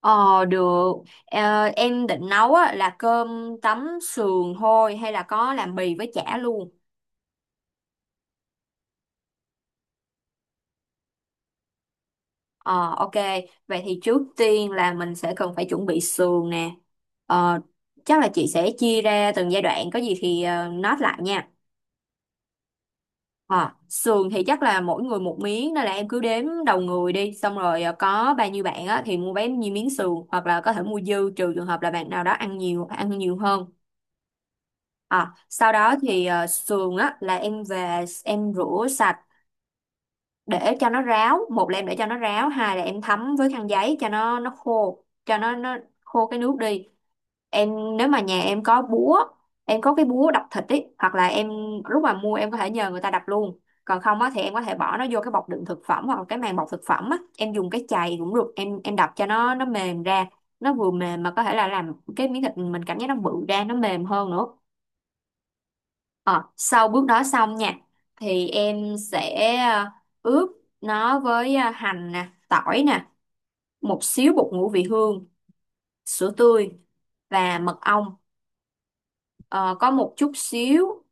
Ờ, được. Em định nấu á là cơm tấm sườn thôi, hay là có làm bì với chả luôn? Ờ, ok. Vậy thì trước tiên là mình sẽ cần phải chuẩn bị sườn nè. Ờ. Chắc là chị sẽ chia ra từng giai đoạn, có gì thì note lại nha. Ờ. Sườn thì chắc là mỗi người một miếng, nên là em cứ đếm đầu người đi. Xong rồi có bao nhiêu bạn á thì mua bấy nhiêu miếng sườn, hoặc là có thể mua dư, trừ trường hợp là bạn nào đó ăn nhiều, ăn nhiều hơn. À, sau đó thì sườn á là em về em rửa sạch để cho nó ráo. Một là em để cho nó ráo, hai là em thấm với khăn giấy cho nó khô, cho nó khô cái nước đi. Em nếu mà nhà em có búa, em có cái búa đập thịt ấy, hoặc là em lúc mà mua em có thể nhờ người ta đập luôn. Còn không á thì em có thể bỏ nó vô cái bọc đựng thực phẩm hoặc là cái màng bọc thực phẩm á, em dùng cái chày cũng được, em đập cho nó mềm ra, nó vừa mềm mà có thể là làm cái miếng thịt mình cảm giác nó bự ra, nó mềm hơn nữa. Ờ, sau bước đó xong nha, thì em sẽ ờ, ướp nó với hành nè, tỏi nè, một xíu bột ngũ vị hương, sữa tươi và mật ong. Ờ, có một chút xíu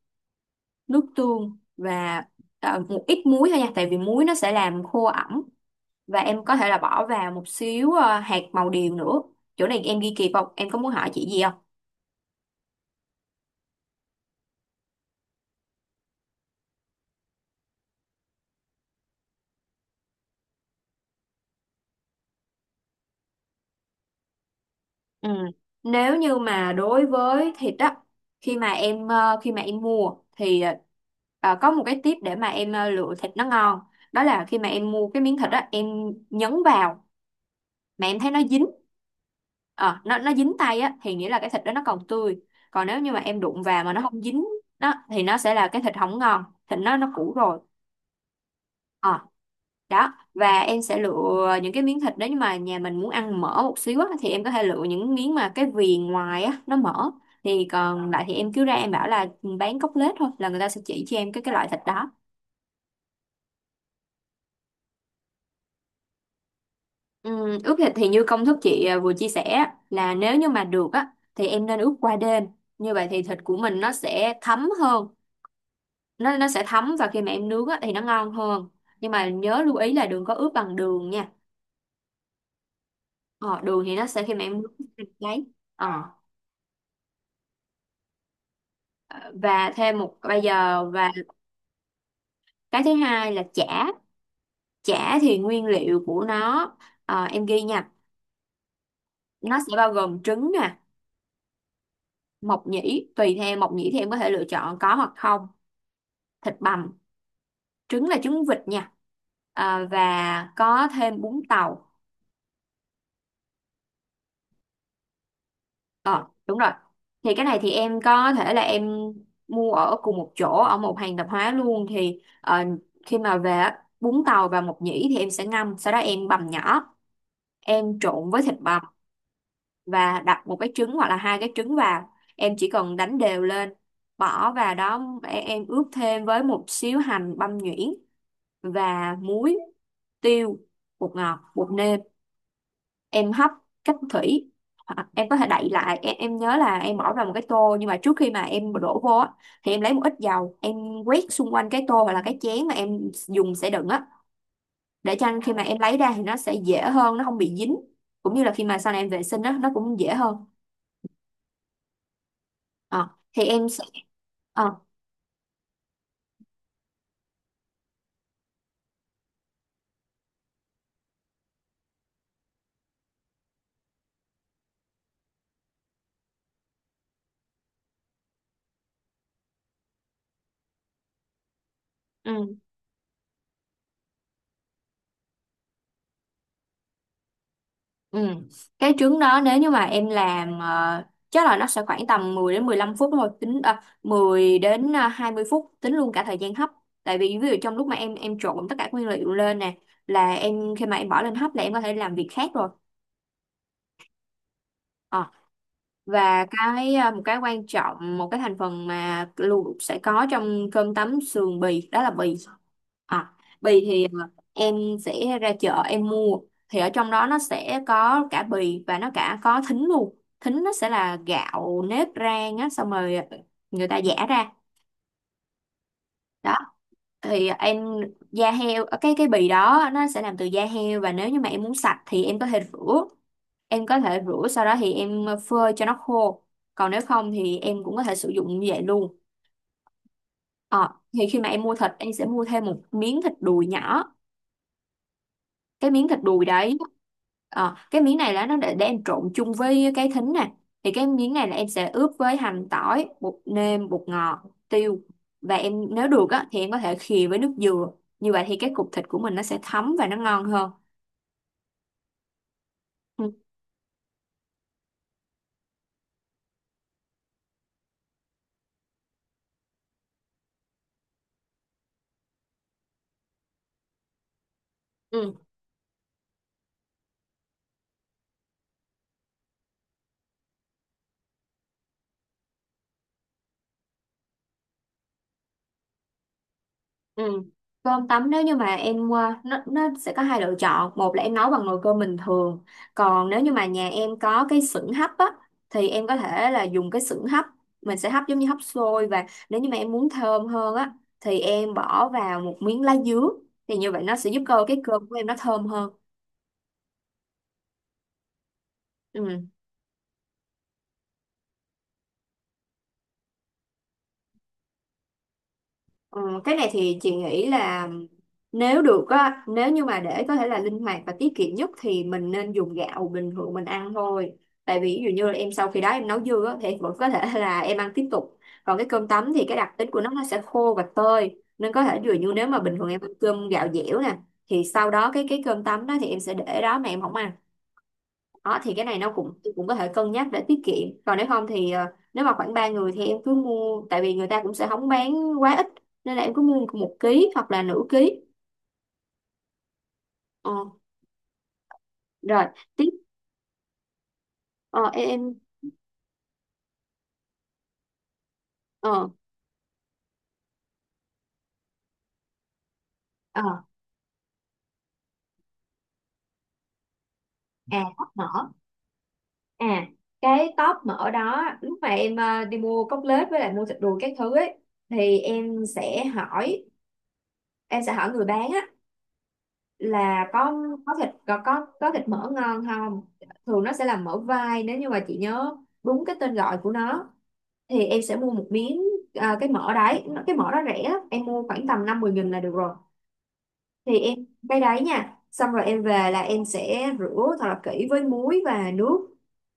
nước tương và một ít muối thôi nha, tại vì muối nó sẽ làm khô ẩm, và em có thể là bỏ vào một xíu hạt màu điều nữa. Chỗ này em ghi kịp không? Em có muốn hỏi chị gì không? Ừ. Nếu như mà đối với thịt á, khi mà em mua thì có một cái tip để mà em lựa thịt nó ngon, đó là khi mà em mua cái miếng thịt á em nhấn vào mà em thấy nó dính. Ờ, nó dính tay á thì nghĩa là cái thịt đó nó còn tươi. Còn nếu như mà em đụng vào mà nó không dính, đó thì nó sẽ là cái thịt không ngon, thịt nó cũ rồi. Ờ, đó, và em sẽ lựa những cái miếng thịt nếu nhưng mà nhà mình muốn ăn mỡ một xíu á, thì em có thể lựa những miếng mà cái viền ngoài á nó mỡ. Thì còn lại thì em cứ ra em bảo là ừ, bán cốt lết thôi, là người ta sẽ chỉ cho em cái loại thịt đó. Ướp thịt thì như công thức chị à vừa chia sẻ á, là nếu như mà được á thì em nên ướp qua đêm, như vậy thì thịt của mình nó sẽ thấm hơn. Nó sẽ thấm và khi mà em nướng á thì nó ngon hơn. Nhưng mà nhớ lưu ý là đừng có ướp bằng đường nha. Ờ, đường thì nó sẽ khi mà em nướng đấy. Ờ, và thêm một bây giờ và cái thứ hai là chả. Chả thì nguyên liệu của nó, em ghi nha, nó sẽ bao gồm trứng nè, mộc nhĩ, tùy theo mộc nhĩ thì em có thể lựa chọn có hoặc không, thịt bằm, trứng là trứng vịt nha. Ờ, và có thêm bún tàu. Ờ Đúng rồi. Thì cái này thì em có thể là em mua ở cùng một chỗ ở một hàng tạp hóa luôn. Thì khi mà về á, bún tàu và mộc nhĩ thì em sẽ ngâm, sau đó em bằm nhỏ, em trộn với thịt bằm và đặt một cái trứng hoặc là hai cái trứng vào. Em chỉ cần đánh đều lên, bỏ vào đó, em ướp thêm với một xíu hành băm nhuyễn và muối, tiêu, bột ngọt, bột nêm. Em hấp cách thủy, hoặc em có thể đậy lại. Em nhớ là em bỏ vào một cái tô, nhưng mà trước khi mà em đổ vô á, thì em lấy một ít dầu em quét xung quanh cái tô hoặc là cái chén mà em dùng sẽ đựng á, để cho khi mà em lấy ra thì nó sẽ dễ hơn, nó không bị dính, cũng như là khi mà sau này em vệ sinh á nó cũng dễ hơn. Ờ, thì em. Ờ, ừ, ừ. Cái trứng đó nếu như mà em làm chắc là nó sẽ khoảng tầm 10 đến 15 phút thôi. Tính à, 10 đến à, 20 phút tính luôn cả thời gian hấp. Tại vì ví dụ trong lúc mà em trộn tất cả nguyên liệu lên nè, là em khi mà em bỏ lên hấp là em có thể làm việc khác rồi. Ờ, và cái à, một cái quan trọng, một cái thành phần mà luôn sẽ có trong cơm tấm sườn bì đó là bì. À, bì thì à, em sẽ ra chợ em mua, thì ở trong đó nó sẽ có cả bì và nó cả có thính luôn. Thính nó sẽ là gạo nếp rang á, xong rồi người ta giã ra đó. Thì em, da heo, cái bì đó nó sẽ làm từ da heo, và nếu như mà em muốn sạch thì em có thể rửa. Em có thể rửa sau đó thì em phơi cho nó khô, còn nếu không thì em cũng có thể sử dụng như vậy luôn. Ờ, thì khi mà em mua thịt em sẽ mua thêm một miếng thịt đùi nhỏ. Cái miếng thịt đùi đấy, ờ, cái miếng này là nó để em trộn chung với cái thính nè. Thì cái miếng này là em sẽ ướp với hành, tỏi, bột nêm, bột ngọt, tiêu, và em nếu được á thì em có thể khìa với nước dừa, như vậy thì cái cục thịt của mình nó sẽ thấm và nó ngon hơn. Ừ. Ừ. Ừ. Cơm tấm, nếu như mà em nó sẽ có hai lựa chọn. Một là em nấu bằng nồi cơm bình thường, còn nếu như mà nhà em có cái xửng hấp á thì em có thể là dùng cái xửng hấp, mình sẽ hấp giống như hấp xôi. Và nếu như mà em muốn thơm hơn á thì em bỏ vào một miếng lá dứa, thì như vậy nó sẽ giúp cơ cái cơm của em nó thơm hơn. Ừ. Ừ, cái này thì chị nghĩ là nếu được á, nếu như mà để có thể là linh hoạt và tiết kiệm nhất thì mình nên dùng gạo bình thường mình ăn thôi. Tại vì ví dụ như là em sau khi đó em nấu dư á, thì vẫn có thể là em ăn tiếp tục. Còn cái cơm tấm thì cái đặc tính của nó sẽ khô và tơi. Nên có thể ví dụ như nếu mà bình thường em ăn cơm gạo dẻo nè, thì sau đó cái cơm tấm đó thì em sẽ để đó mà em không ăn. Đó thì cái này nó cũng cũng có thể cân nhắc để tiết kiệm. Còn nếu không thì nếu mà khoảng 3 người thì em cứ mua, tại vì người ta cũng sẽ không bán quá ít, nên là em cứ mua 1 ký hoặc là nửa ký. Ờ, rồi tiếp. ờ, em em- ờ, ờ À, tóp mỡ. À, cái tóp mỡ đó lúc mà em đi mua cốt lết với lại mua thịt đùi các thứ ấy, thì em sẽ hỏi. Em sẽ hỏi người bán á là có thịt mỡ ngon không. Thường nó sẽ là mỡ vai, nếu như mà chị nhớ đúng cái tên gọi của nó. Thì em sẽ mua một miếng. À, cái mỡ đấy. Nó- cái mỡ đó rẻ lắm. Em mua khoảng tầm 5-10 nghìn là được rồi. Thì em cái đấy nha, xong rồi em về là em sẽ rửa thật là kỹ với muối và nước.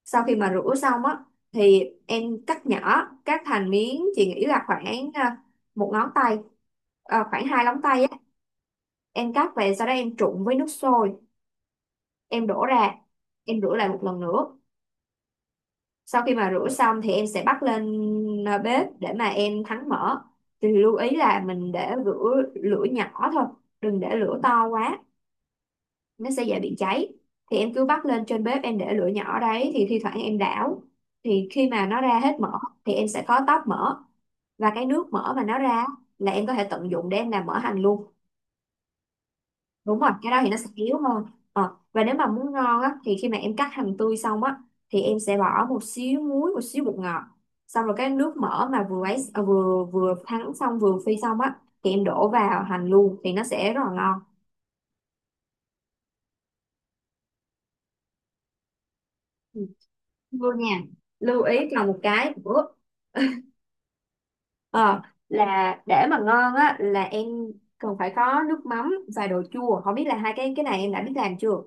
Sau khi mà rửa xong á thì em cắt nhỏ, cắt thành miếng chị nghĩ là khoảng một ngón tay, khoảng hai móng tay á. Em cắt về, sau đó em trụng với nước sôi, em đổ ra, em rửa lại một lần nữa. Sau khi mà rửa xong thì em sẽ bắt lên bếp để mà em thắng mỡ. Thì lưu ý là mình để lửa lửa nhỏ thôi, đừng để lửa to quá, nó sẽ dễ bị cháy. Thì em cứ bắt lên trên bếp, em để lửa nhỏ đấy thì thi thoảng em đảo. Thì khi mà nó ra hết mỡ thì em sẽ khó tóp mỡ, và cái nước mỡ mà nó ra là em có thể tận dụng để em làm mỡ hành luôn. Đúng rồi, cái đó thì nó sẽ yếu hơn. Ờ, và nếu mà muốn ngon á thì khi mà em cắt hành tươi xong á thì em sẽ bỏ một xíu muối, một xíu bột ngọt, xong rồi cái nước mỡ mà vừa thắng xong, vừa phi xong á, thì em đổ vào hành luôn thì nó sẽ rất là ngon. Ừ, vô nha. Lưu ý còn một cái nữa, ờ, là để mà ngon á là em cần phải có nước mắm và đồ chua, không biết là hai cái này em đã biết làm chưa.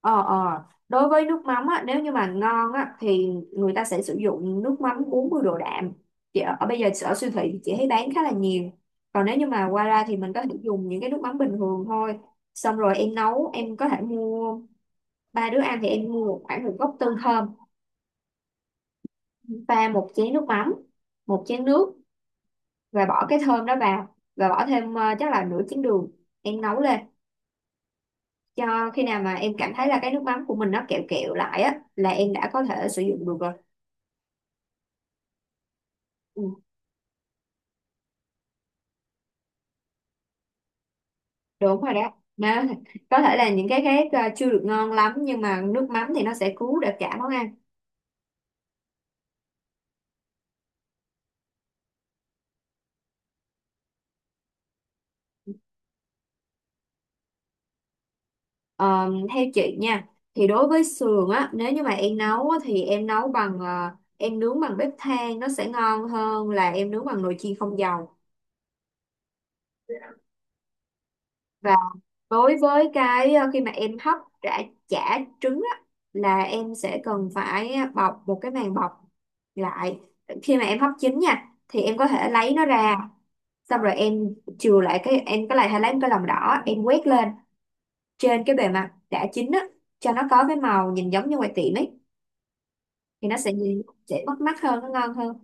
Ờ, ờ. Đối với nước mắm á, nếu như mà ngon á, thì người ta sẽ sử dụng nước mắm 40 độ đạm. Chị ở bây giờ ở siêu thị thì chị thấy bán khá là nhiều. Còn nếu như mà qua ra thì mình có thể dùng những cái nước mắm bình thường thôi. Xong rồi em nấu, em có thể mua, ba đứa ăn thì em mua khoảng một gốc tương thơm, pha một chén nước mắm, một chén nước, và bỏ cái thơm đó vào và bỏ thêm chắc là nửa chén đường. Em nấu lên cho khi nào mà em cảm thấy là cái nước mắm của mình nó kẹo kẹo lại á là em đã có thể sử dụng được rồi. Ừ. Đúng rồi đó, nó có thể là những cái khác chưa được ngon lắm nhưng mà nước mắm thì nó sẽ cứu được cả món ăn. Ờ, theo chị nha thì đối với sườn á, nếu như mà em nấu á, thì em nấu bằng em nướng bằng bếp than nó sẽ ngon hơn là em nướng bằng nồi chiên không dầu. Và đối với cái khi mà em hấp chả, chả trứng á, là em sẽ cần phải bọc một cái màng bọc lại. Khi mà em hấp chín nha thì em có thể lấy nó ra, xong rồi em chừa lại cái em cái lại hay lấy một cái lòng đỏ em quét lên trên cái bề mặt đã chín á cho nó có cái màu nhìn giống như ngoài tiệm ấy, thì nó sẽ nhìn sẽ bắt mắt hơn, nó ngon hơn.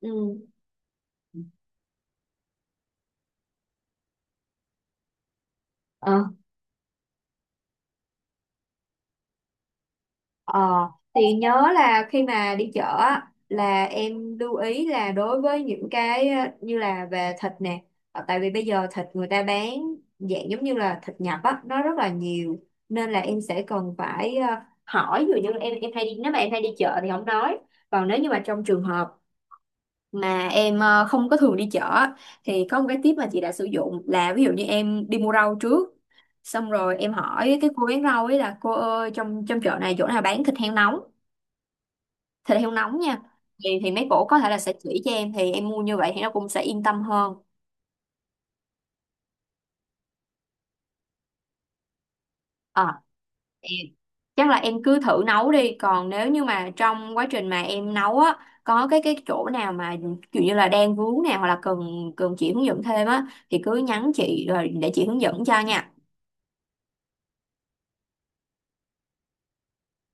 Ừ. Ờ. Ờ, thì nhớ là khi mà đi chợ á, là em lưu ý là đối với những cái như là về thịt nè. Ờ, tại vì bây giờ thịt người ta bán dạng giống như là thịt nhập á nó rất là nhiều, nên là em sẽ cần phải hỏi, ví dụ như em hay đi, nếu mà em hay đi chợ thì không nói, còn nếu như mà trong trường hợp mà em không có thường đi chợ á, thì có một cái tip mà chị đã sử dụng là ví dụ như em đi mua rau trước, xong rồi em hỏi cái cô bán rau ấy là cô ơi, trong trong chợ này chỗ nào bán thịt heo nóng, thịt heo nóng nha, thì mấy cổ có thể là sẽ chỉ cho em, thì em mua như vậy thì nó cũng sẽ yên tâm hơn. Ờ, thì chắc là em cứ thử nấu đi, còn nếu như mà trong quá trình mà em nấu á có cái chỗ nào mà kiểu như là đang vướng nào hoặc là cần cần chị hướng dẫn thêm á thì cứ nhắn chị rồi để chị hướng dẫn cho nha.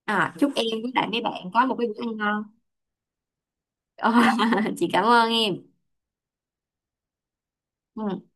À, chúc em với lại mấy bạn có một cái bữa ăn ngon. Ờ, chị cảm ơn em. Ừ.